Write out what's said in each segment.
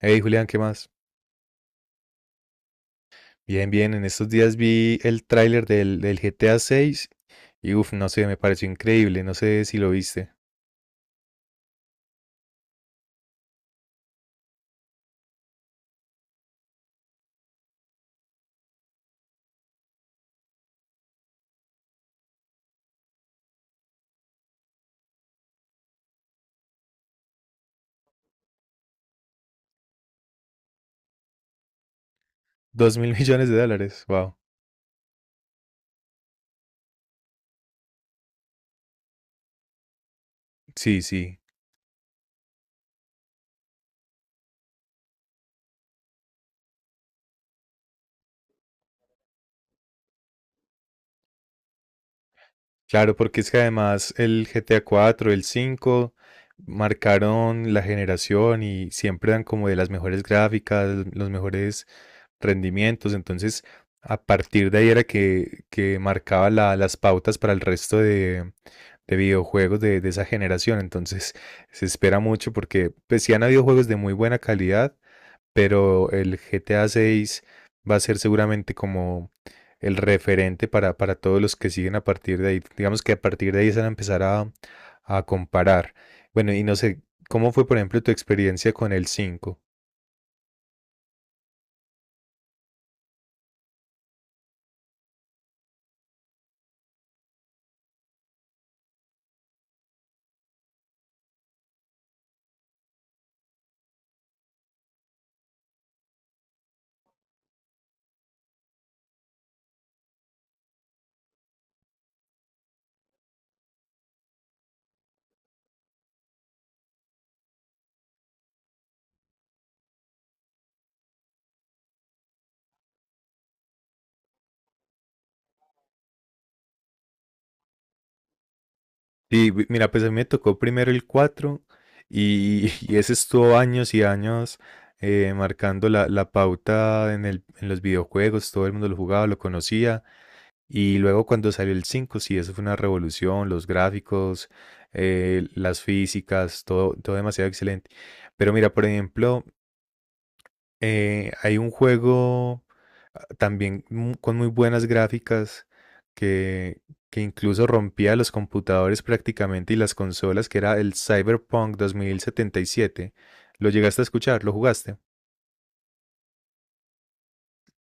Hey Julián, ¿qué más? Bien, bien, en estos días vi el tráiler del GTA 6 y uff, no sé, me pareció increíble, no sé si lo viste. Dos mil millones de dólares, wow. Sí, sí. Claro, porque es que además el GTA 4, el 5 marcaron la generación y siempre dan como de las mejores gráficas, los mejores rendimientos. Entonces, a partir de ahí era que marcaba las pautas para el resto de videojuegos de esa generación. Entonces, se espera mucho porque pues, sí han habido juegos de muy buena calidad, pero el GTA 6 va a ser seguramente como el referente para todos los que siguen a partir de ahí. Digamos que a partir de ahí se van a empezar a comparar. Bueno, y no sé, ¿cómo fue, por ejemplo, tu experiencia con el cinco? Sí, mira, pues a mí me tocó primero el 4 y, y ese estuvo años y años, marcando la pauta en en los videojuegos, todo el mundo lo jugaba, lo conocía. Y luego cuando salió el 5 sí, eso fue una revolución, los gráficos, las físicas, todo, todo demasiado excelente. Pero mira, por ejemplo, hay un juego, también con muy buenas gráficas que, que incluso rompía los computadores prácticamente y las consolas, que era el Cyberpunk 2077. ¿Lo llegaste a escuchar? ¿Lo jugaste?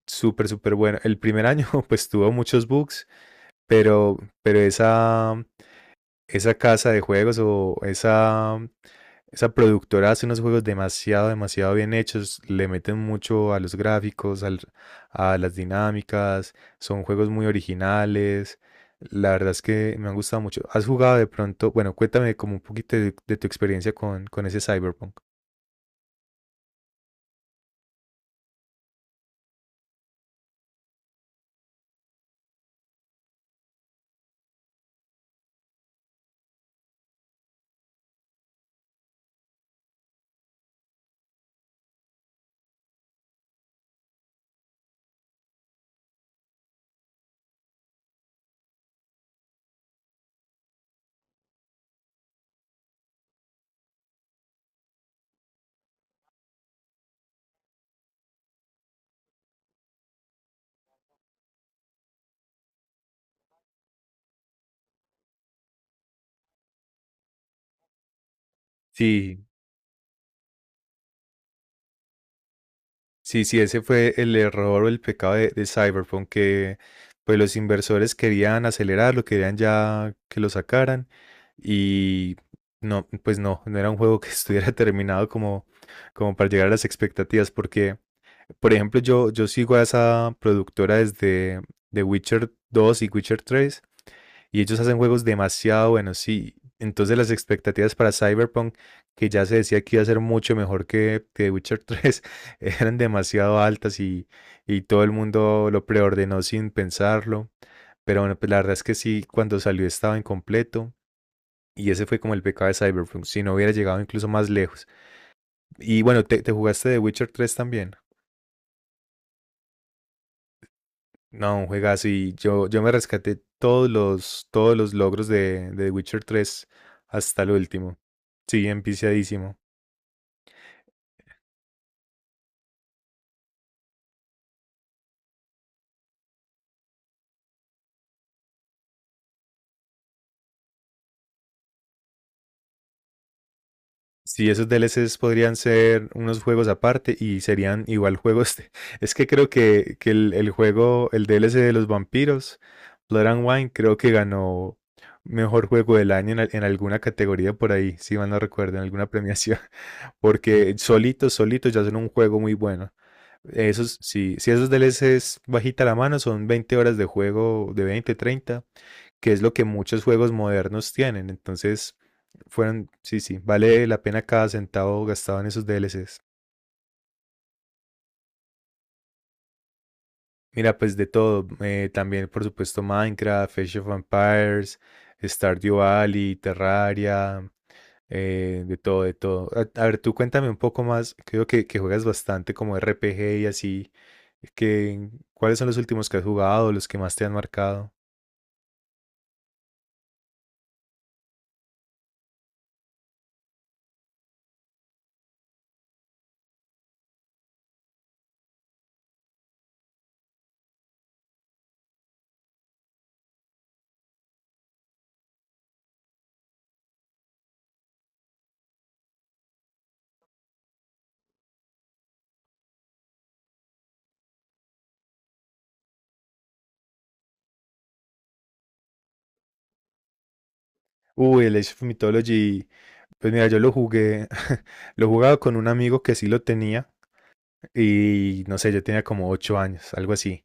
Súper, súper bueno. El primer año pues tuvo muchos bugs, pero, pero esa casa de juegos o esa productora hace unos juegos demasiado, demasiado bien hechos, le meten mucho a los gráficos, a las dinámicas, son juegos muy originales. La verdad es que me han gustado mucho. ¿Has jugado de pronto? Bueno, cuéntame como un poquito de tu experiencia con ese Cyberpunk. Sí, sí, sí, ese fue el error o el pecado de Cyberpunk, que pues los inversores querían acelerarlo, querían ya que lo sacaran y no, pues no, no era un juego que estuviera terminado como para llegar a las expectativas, porque, por ejemplo, yo sigo a esa productora desde The Witcher dos y Witcher tres. Y ellos hacen juegos demasiado buenos, sí. Entonces las expectativas para Cyberpunk, que ya se decía que iba a ser mucho mejor que The Witcher tres, eran demasiado altas y todo el mundo lo preordenó sin pensarlo. Pero bueno, pues la verdad es que sí, cuando salió estaba incompleto. Y ese fue como el pecado de Cyberpunk, si no hubiera llegado incluso más lejos. Y bueno, te jugaste The Witcher tres también. No, un juegazo y yo me rescaté todos todos los logros de The Witcher tres hasta el último. Sí, empiciadísimo. Sí, esos DLCs podrían ser unos juegos aparte y serían igual juegos. Es que creo que el juego, el DLC de los vampiros, Blood and Wine, creo que ganó mejor juego del año en alguna categoría por ahí, si mal no recuerdo, en alguna premiación. Porque solitos, solitos ya son un juego muy bueno. Esos, sí, si esos DLCs bajita la mano, son 20 horas de juego, de 20 30 que es lo que muchos juegos modernos tienen. Entonces, fueron, sí, sí, vale la pena cada centavo gastado en esos DLCs. Mira, pues de todo, también por supuesto Minecraft, Age of Empires, Stardew Valley, Terraria, de todo, de todo. A ver, tú cuéntame un poco más, creo que juegas bastante como RPG y así, que, ¿cuáles son los últimos que has jugado, los que más te han marcado? Uy, el Age of Mythology. Pues mira, yo lo jugué, lo jugaba con un amigo que sí lo tenía y no sé, yo tenía como 8 años, algo así.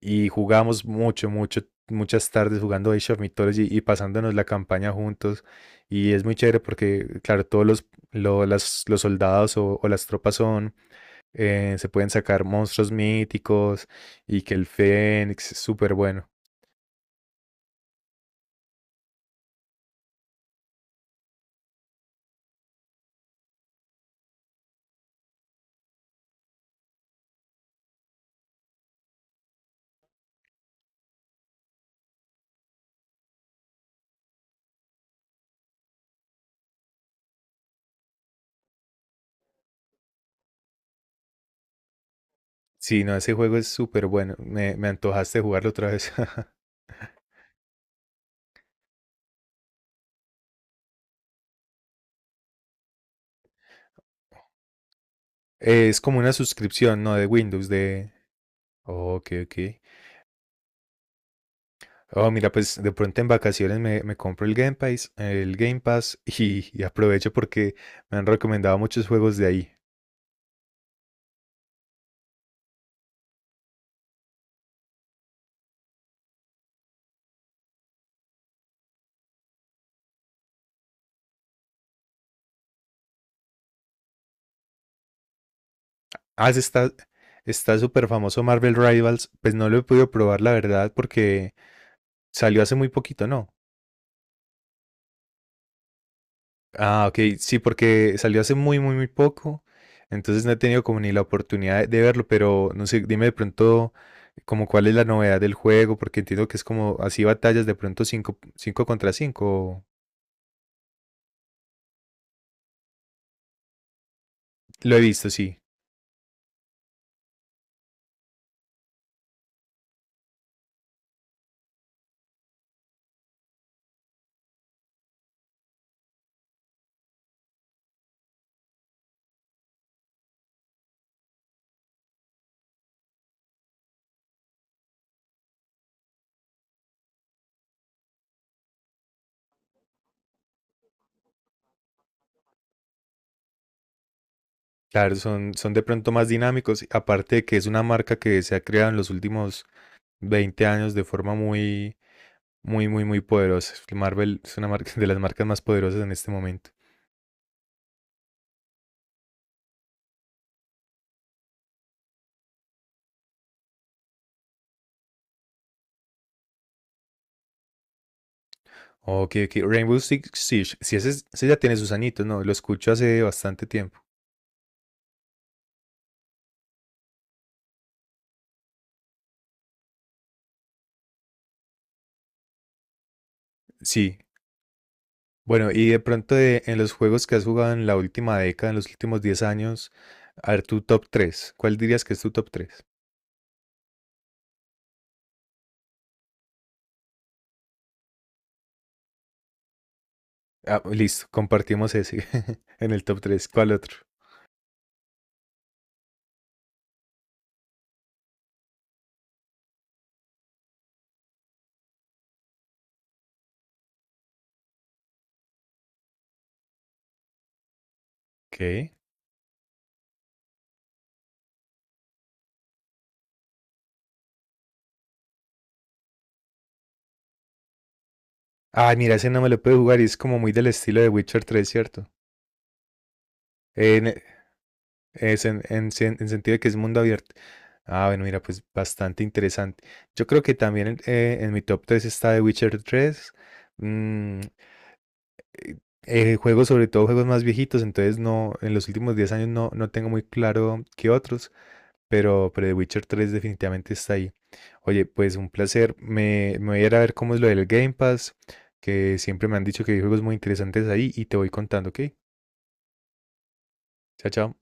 Y jugábamos mucho, mucho, muchas tardes jugando Age of Mythology y pasándonos la campaña juntos. Y es muy chévere porque, claro, todos los soldados o las tropas son, se pueden sacar monstruos míticos y que el Fénix es súper bueno. Sí, no, ese juego es súper bueno. Me antojaste jugarlo otra vez. Es como una suscripción, ¿no? De Windows, de. Ok, ok. Oh, mira, pues de pronto en vacaciones me compro el Game Pass, y aprovecho porque me han recomendado muchos juegos de ahí. Ah, ese está súper famoso Marvel Rivals. Pues no lo he podido probar, la verdad, porque salió hace muy poquito, ¿no? Ah, ok, sí, porque salió hace muy, muy, muy poco. Entonces no he tenido como ni la oportunidad de verlo, pero no sé, dime de pronto como cuál es la novedad del juego, porque entiendo que es como así batallas de pronto cinco contra 5. Lo he visto, sí. Claro, son de pronto más dinámicos, aparte de que es una marca que se ha creado en los últimos 20 años de forma muy, muy, muy, muy poderosa. Marvel es una marca de las marcas más poderosas en este momento. Ok, ok. Rainbow Six Siege. Sí, ese, ese ya tiene sus añitos, ¿no? Lo escucho hace bastante tiempo. Sí. Bueno, y de pronto en los juegos que has jugado en la última década, en los últimos 10 años, a ver, tu top tres. ¿Cuál dirías que es tu top tres? Ah, listo, compartimos ese en el top tres. ¿Cuál otro? Ok. Ah, mira, ese no me lo puedo jugar y es como muy del estilo de Witcher tres, ¿cierto? En, e- es en sen- en sentido de que es mundo abierto. Ah, bueno, mira, pues bastante interesante. Yo creo que también en mi top 3 está The Witcher tres. Mm, juegos, sobre todo juegos más viejitos, entonces no, en los últimos 10 años no, no tengo muy claro qué otros. Pero The Witcher tres definitivamente está ahí. Oye, pues un placer. Me voy a ir a ver cómo es lo del Game Pass, que siempre me han dicho que hay juegos muy interesantes ahí y te voy contando, ¿ok? Chao, chao.